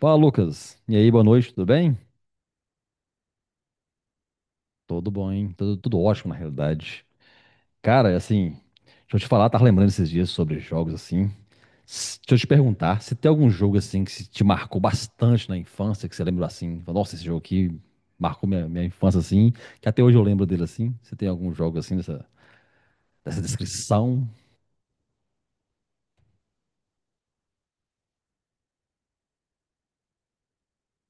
Fala, Lucas. E aí, boa noite, tudo bem? Tudo bom, hein? Tudo ótimo, na realidade. Cara, é assim, deixa eu te falar, tava lembrando esses dias sobre jogos, assim. Deixa eu te perguntar, se tem algum jogo, assim, que se te marcou bastante na infância, que você lembra, assim, fala, nossa, esse jogo aqui marcou minha infância, assim, que até hoje eu lembro dele, assim. Você tem algum jogo, assim, dessa descrição?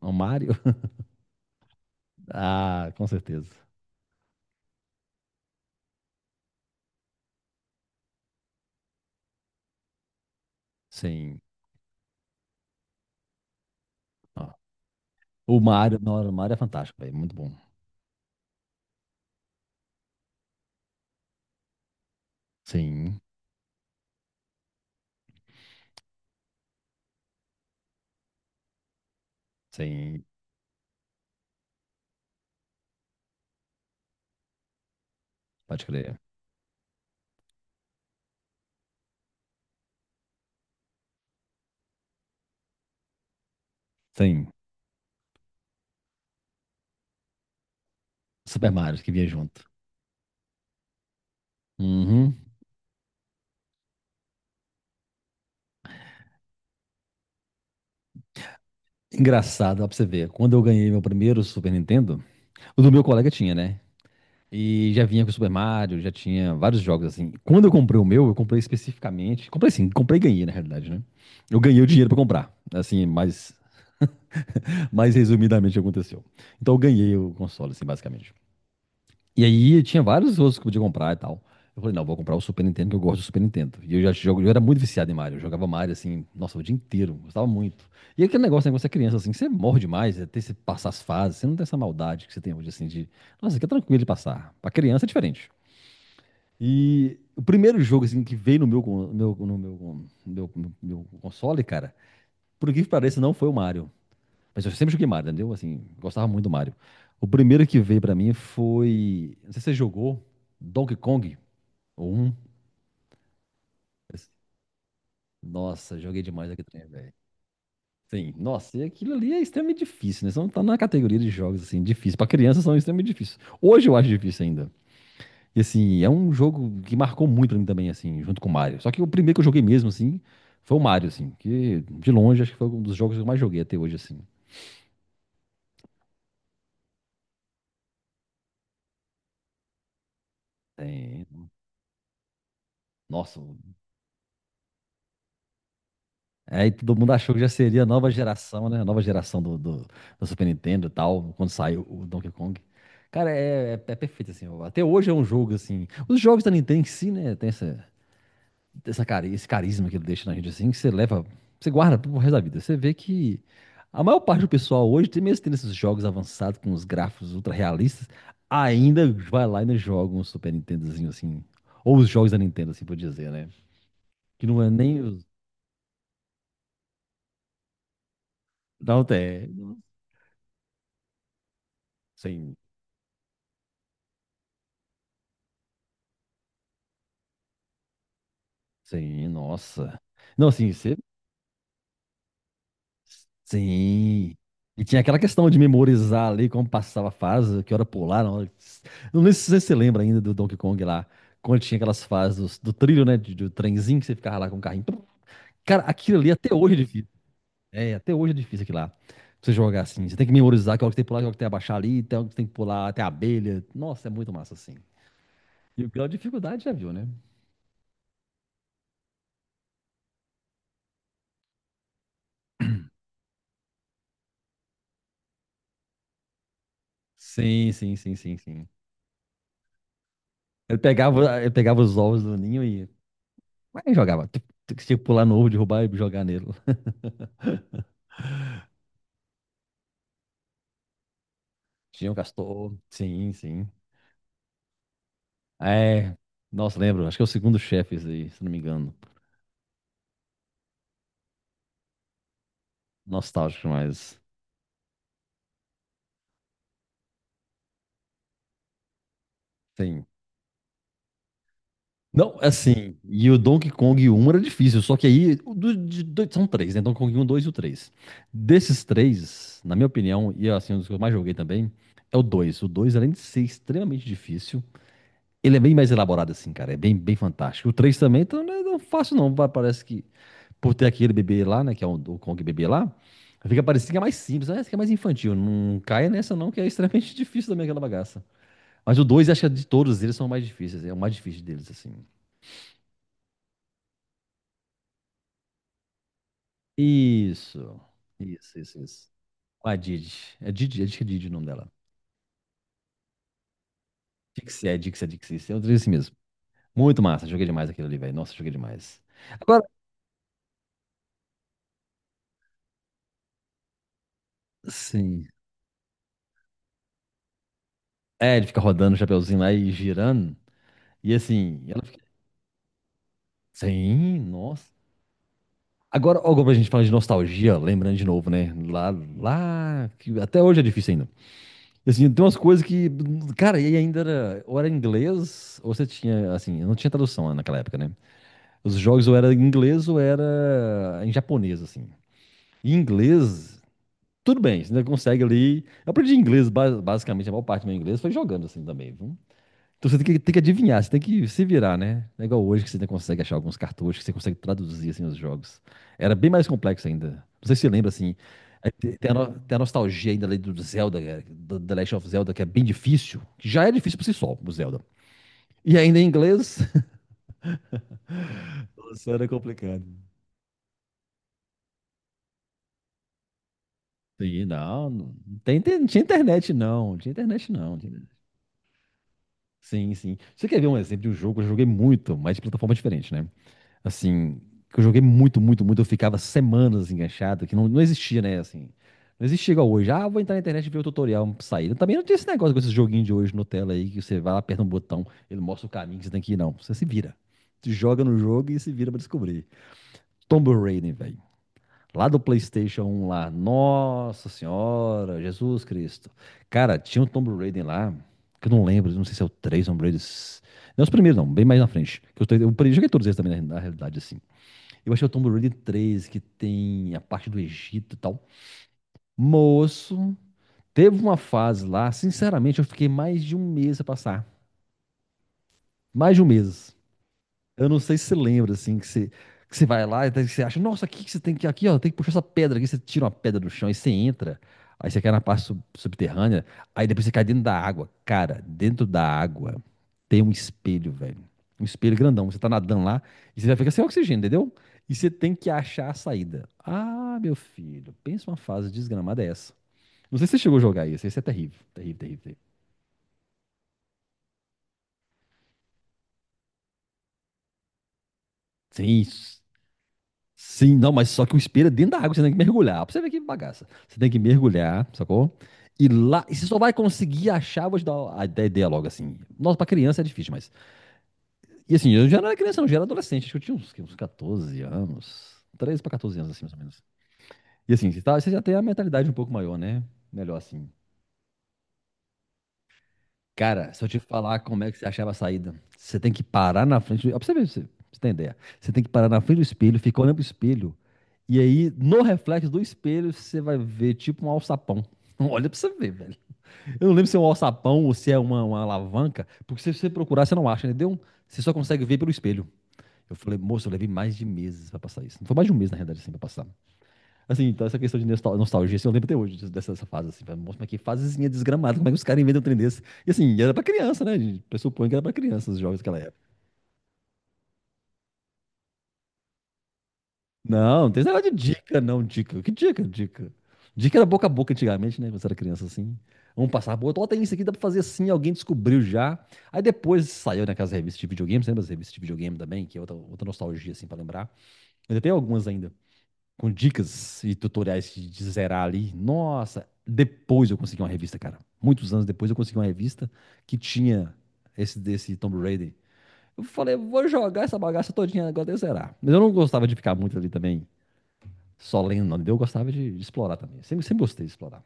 O Mario? Ah, com certeza. Sim. Ó, o Mario, não, o Mario é fantástico, velho, muito bom. Sim, sim, pode crer. Sim. Super Mario, que vinha junto. Uhum. Engraçado, ó, pra você ver. Quando eu ganhei meu primeiro Super Nintendo, o do meu colega tinha, né? E já vinha com o Super Mario, já tinha vários jogos assim. Quando eu comprei o meu, eu comprei especificamente. Comprei sim, comprei e ganhei, na realidade, né? Eu ganhei o dinheiro pra comprar. Assim, mais resumidamente aconteceu. Então eu ganhei o console, assim, basicamente. E aí eu tinha vários outros que eu podia comprar e tal. Eu falei, não, vou comprar o Super Nintendo, que eu gosto do Super Nintendo. E eu já jogo, eu era muito viciado em Mario. Eu jogava Mario assim, nossa, o dia inteiro, gostava muito. E é aquele negócio, né, quando você é criança, assim, você morre demais, até você passar as fases, você não tem essa maldade que você tem hoje, assim, de. Nossa, aqui é tranquilo de passar. Pra criança é diferente. E o primeiro jogo, assim, que veio no meu, no meu console, cara, por que pareça, não foi o Mario. Mas eu sempre joguei Mario, entendeu? Assim, gostava muito do Mario. O primeiro que veio pra mim foi. Não sei se você jogou Donkey Kong ou um. Nossa, joguei demais aquele trem, velho. Sim, nossa, e aquilo ali é extremamente difícil, né? Só não tá na categoria de jogos, assim, difícil. Pra criança são extremamente difíceis. Hoje eu acho difícil ainda. E assim, é um jogo que marcou muito pra mim também, assim, junto com o Mario. Só que o primeiro que eu joguei mesmo, assim, foi o Mario, assim, que de longe acho que foi um dos jogos que eu mais joguei até hoje, assim. Tem- Nossa. Aí todo mundo achou que já seria a nova geração, né? A nova geração do Super Nintendo e tal, quando saiu o Donkey Kong. Cara, é perfeito, assim. Até hoje é um jogo, assim. Os jogos da Nintendo em si, né? Tem essa, essa cari esse carisma que ele deixa na gente, assim, que você leva, você guarda pro resto da vida. Você vê que a maior parte do pessoal hoje, mesmo tendo esses jogos avançados com os gráficos ultra realistas, ainda vai lá e ainda joga um Super Nintendozinho, assim. Ou os jogos da Nintendo, assim, por dizer, né? Que não é nem os. Não, é. Sim. Sim, nossa. Não, assim, você. Sim. E tinha aquela questão de memorizar ali como passava a fase, que hora pular, não. Não sei se você lembra ainda do Donkey Kong lá, quando tinha aquelas fases do trilho, né, do trenzinho que você ficava lá com o carrinho. Cara, aquilo ali até hoje é difícil. É, até hoje é difícil aquilo lá. Pra você jogar assim, você tem que memorizar que hora que tem que pular, que hora que tem que abaixar ali, tem hora que tem que pular até a abelha. Nossa, é muito massa assim. E o grau de dificuldade já viu, né? Sim, sim, sim, sim, sim. Ele pegava os ovos do ninho e mas jogava. Tem tem que Tinha que pular no ovo, derrubar e jogar nele. Tinha um castor. Sim, sim. É. Nossa, lembro. Acho que é o segundo chefe esse aí, se não me engano. Nostálgico, mas. Sim. Não, assim. E o Donkey Kong um era difícil. Só que aí o do- de são três, né? Donkey Kong um, 2 e o 3. Desses três, na minha opinião, e assim, um dos que eu mais joguei também, é o 2. O dois, além de ser extremamente difícil, ele é bem mais elaborado, assim, cara. É bem fantástico. O 3 também, então não é tão fácil, não. Parece que por ter aquele bebê lá, né? Que é o Kong bebê lá, fica parecendo que é mais simples, né? Que é mais infantil. Não caia nessa, não, que é extremamente difícil também aquela bagaça. Mas o 2 acho que de todos eles são mais difíceis. É o mais difícil deles, assim. Isso. Isso, isso, isso. A Didi. É Didi, acho que é Didi o nome dela. Dixie, é Dixie, é Dixie. É o assim mesmo. Muito massa, joguei demais aquilo ali, velho. Nossa, joguei demais. Agora, sim. É, ele fica rodando o chapeuzinho lá e girando. E assim, ela fica. Sim, nossa. Agora, ó, como a gente fala de nostalgia, lembrando de novo, né? Lá, que até hoje é difícil ainda. Assim, tem umas coisas que, cara, e ainda era, ou era inglês, ou você tinha, assim, não tinha tradução né, naquela época, né? Os jogos ou era em inglês ou era em japonês, assim. E inglês, tudo bem, você ainda consegue ali. Eu aprendi inglês, basicamente, a maior parte do meu inglês foi jogando, assim, também, viu? Então você tem que adivinhar, você tem que se virar, né? Não é igual hoje que você ainda consegue achar alguns cartuchos que você consegue traduzir assim, os jogos. Era bem mais complexo ainda. Não sei se você lembra assim. Tem a, tem a nostalgia ainda ali do Zelda, é, do The Last of Zelda, que é bem difícil. Que já é difícil por si só, o Zelda. E ainda em inglês. Nossa, era complicado. Sim, não tem, não tinha internet não, não tinha internet não. Sim, sim. Você quer ver um exemplo de um jogo que eu joguei muito, mas de plataforma diferente, né? Assim, que eu joguei muito, eu ficava semanas enganchado, que não existia, né, assim, não existia igual hoje, ah, vou entrar na internet e ver o tutorial pra sair, também não tinha esse negócio com esses joguinhos de hoje no tela aí, que você vai lá, aperta um botão, ele mostra o caminho que você tem que ir, não, você se vira, se joga no jogo e se vira pra descobrir. Tomb Raider, velho, lá do PlayStation um lá, nossa senhora, Jesus Cristo, cara, tinha um Tomb Raider lá, que eu não lembro, não sei se é o 3 Tomb Raider... Não é os primeiros, não, bem mais na frente. Que os três- eu joguei todos eles também, na realidade, assim. Eu achei o Tomb Raider 3, que tem a parte do Egito e tal. Moço, teve uma fase lá, sinceramente, eu fiquei mais de um mês a passar. Mais de um mês. Eu não sei se você lembra, assim, que você vai lá e daí você acha, nossa, aqui que você tem que, aqui, ó, tem que puxar essa pedra aqui, você tira uma pedra do chão e você entra, aí você cai na parte subterrânea, aí depois você cai dentro da água. Cara, dentro da água tem um espelho, velho. Um espelho grandão. Você tá nadando lá e você já fica sem oxigênio, entendeu? E você tem que achar a saída. Ah, meu filho, pensa uma fase desgramada é essa. Não sei se você chegou a jogar isso, isso é terrível, terrível, terrível, terrível. Sim, Sim, não, mas só que o espelho é dentro da água, você tem que mergulhar. Pra você ver que bagaça. Você tem que mergulhar, sacou? E lá, e você só vai conseguir achar, vou te dar a ideia logo assim. Nossa, pra criança é difícil, mas. E assim, eu já não era criança, não, eu já era adolescente. Acho que eu tinha uns 14 anos. 13 pra 14 anos, assim, mais ou menos. E assim, você, tá, você já tem a mentalidade um pouco maior, né? Melhor assim. Cara, se eu te falar como é que você achava a saída, você tem que parar na frente. Ó, pra você ver, pra você ter ideia. Você tem que parar na frente do espelho, ficar olhando pro espelho. E aí, no reflexo do espelho, você vai ver tipo um alçapão. Olha pra você ver, velho. Eu não lembro se é um alçapão ou se é uma alavanca, porque se você procurar, você não acha, entendeu? Você só consegue ver pelo espelho. Eu falei, moço, eu levei mais de meses pra passar isso. Não foi mais de um mês, na realidade, assim, pra passar. Assim, então essa questão de nostalgia, assim, eu lembro até hoje dessa fase, assim, falei, nossa, mas que fasezinha desgramada, como é que os caras inventam um trem desse? E assim, era pra criança, né? A gente pressupõe que era pra criança os jogos daquela época. Não, não tem esse negócio de dica, não, dica. Que dica? Dica era boca a boca antigamente, né? Quando você era criança, assim. Vamos passar, pô, ó, tem isso aqui, dá pra fazer assim, alguém descobriu já. Aí depois saiu naquelas revistas de videogame, você lembra das revistas de videogame também, que é outra nostalgia, assim, pra lembrar. Mas tem algumas ainda com dicas e tutoriais de zerar ali. Nossa, depois eu consegui uma revista, cara. Muitos anos depois eu consegui uma revista que tinha esse desse Tomb Raider. Eu falei, vou jogar essa bagaça todinha agora de zerar. Mas eu não gostava de ficar muito ali também, só lendo, não. Eu gostava de explorar também. Sempre gostei de explorar.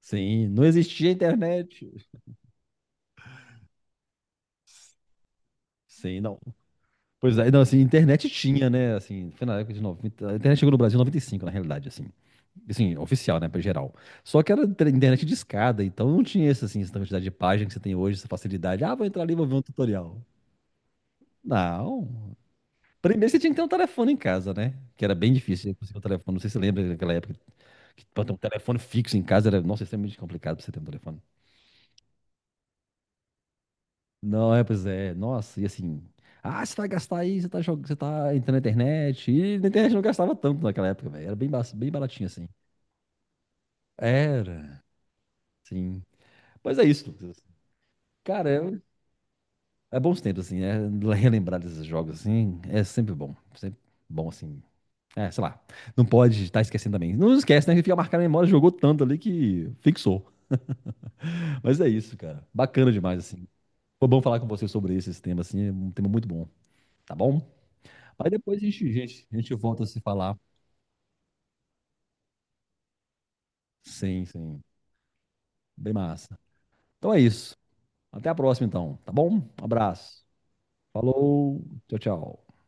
Sim, não existia internet. Sim, não. Pois é, não, assim, internet tinha, né? Assim, foi na época de 90. A internet chegou no Brasil em 95, na realidade, assim. Assim, oficial, né, pra geral. Só que era internet de escada, então não tinha essa, assim, essa quantidade de páginas que você tem hoje, essa facilidade. Ah, vou entrar ali e vou ver um tutorial. Não. Primeiro você tinha que ter um telefone em casa, né? Que era bem difícil você conseguir um telefone. Não sei se você lembra daquela época que pra ter um telefone fixo em casa era, nossa, extremamente complicado pra você ter um telefone. Não, é, pois é. Nossa, e assim. Ah, você vai gastar aí, você tá, você tá entrando na internet. E na internet não gastava tanto naquela época, velho. Era bem, bem baratinho assim. Era, sim. Mas é isso, Lucas. Cara, é é bons tempos, assim, é, relembrar desses jogos, assim, é sempre bom. Sempre bom, assim. É, sei lá. Não pode estar esquecendo também. Não esquece, né? Que fica marcado na memória, jogou tanto ali que fixou. Mas é isso, cara. Bacana demais, assim. Foi bom falar com você sobre esse tema, assim. É um tema muito bom, tá bom? Aí depois a gente volta a se falar. Sim, sim. Bem massa. Então é isso. Até a próxima, então, tá bom? Um abraço. Falou. Tchau, tchau.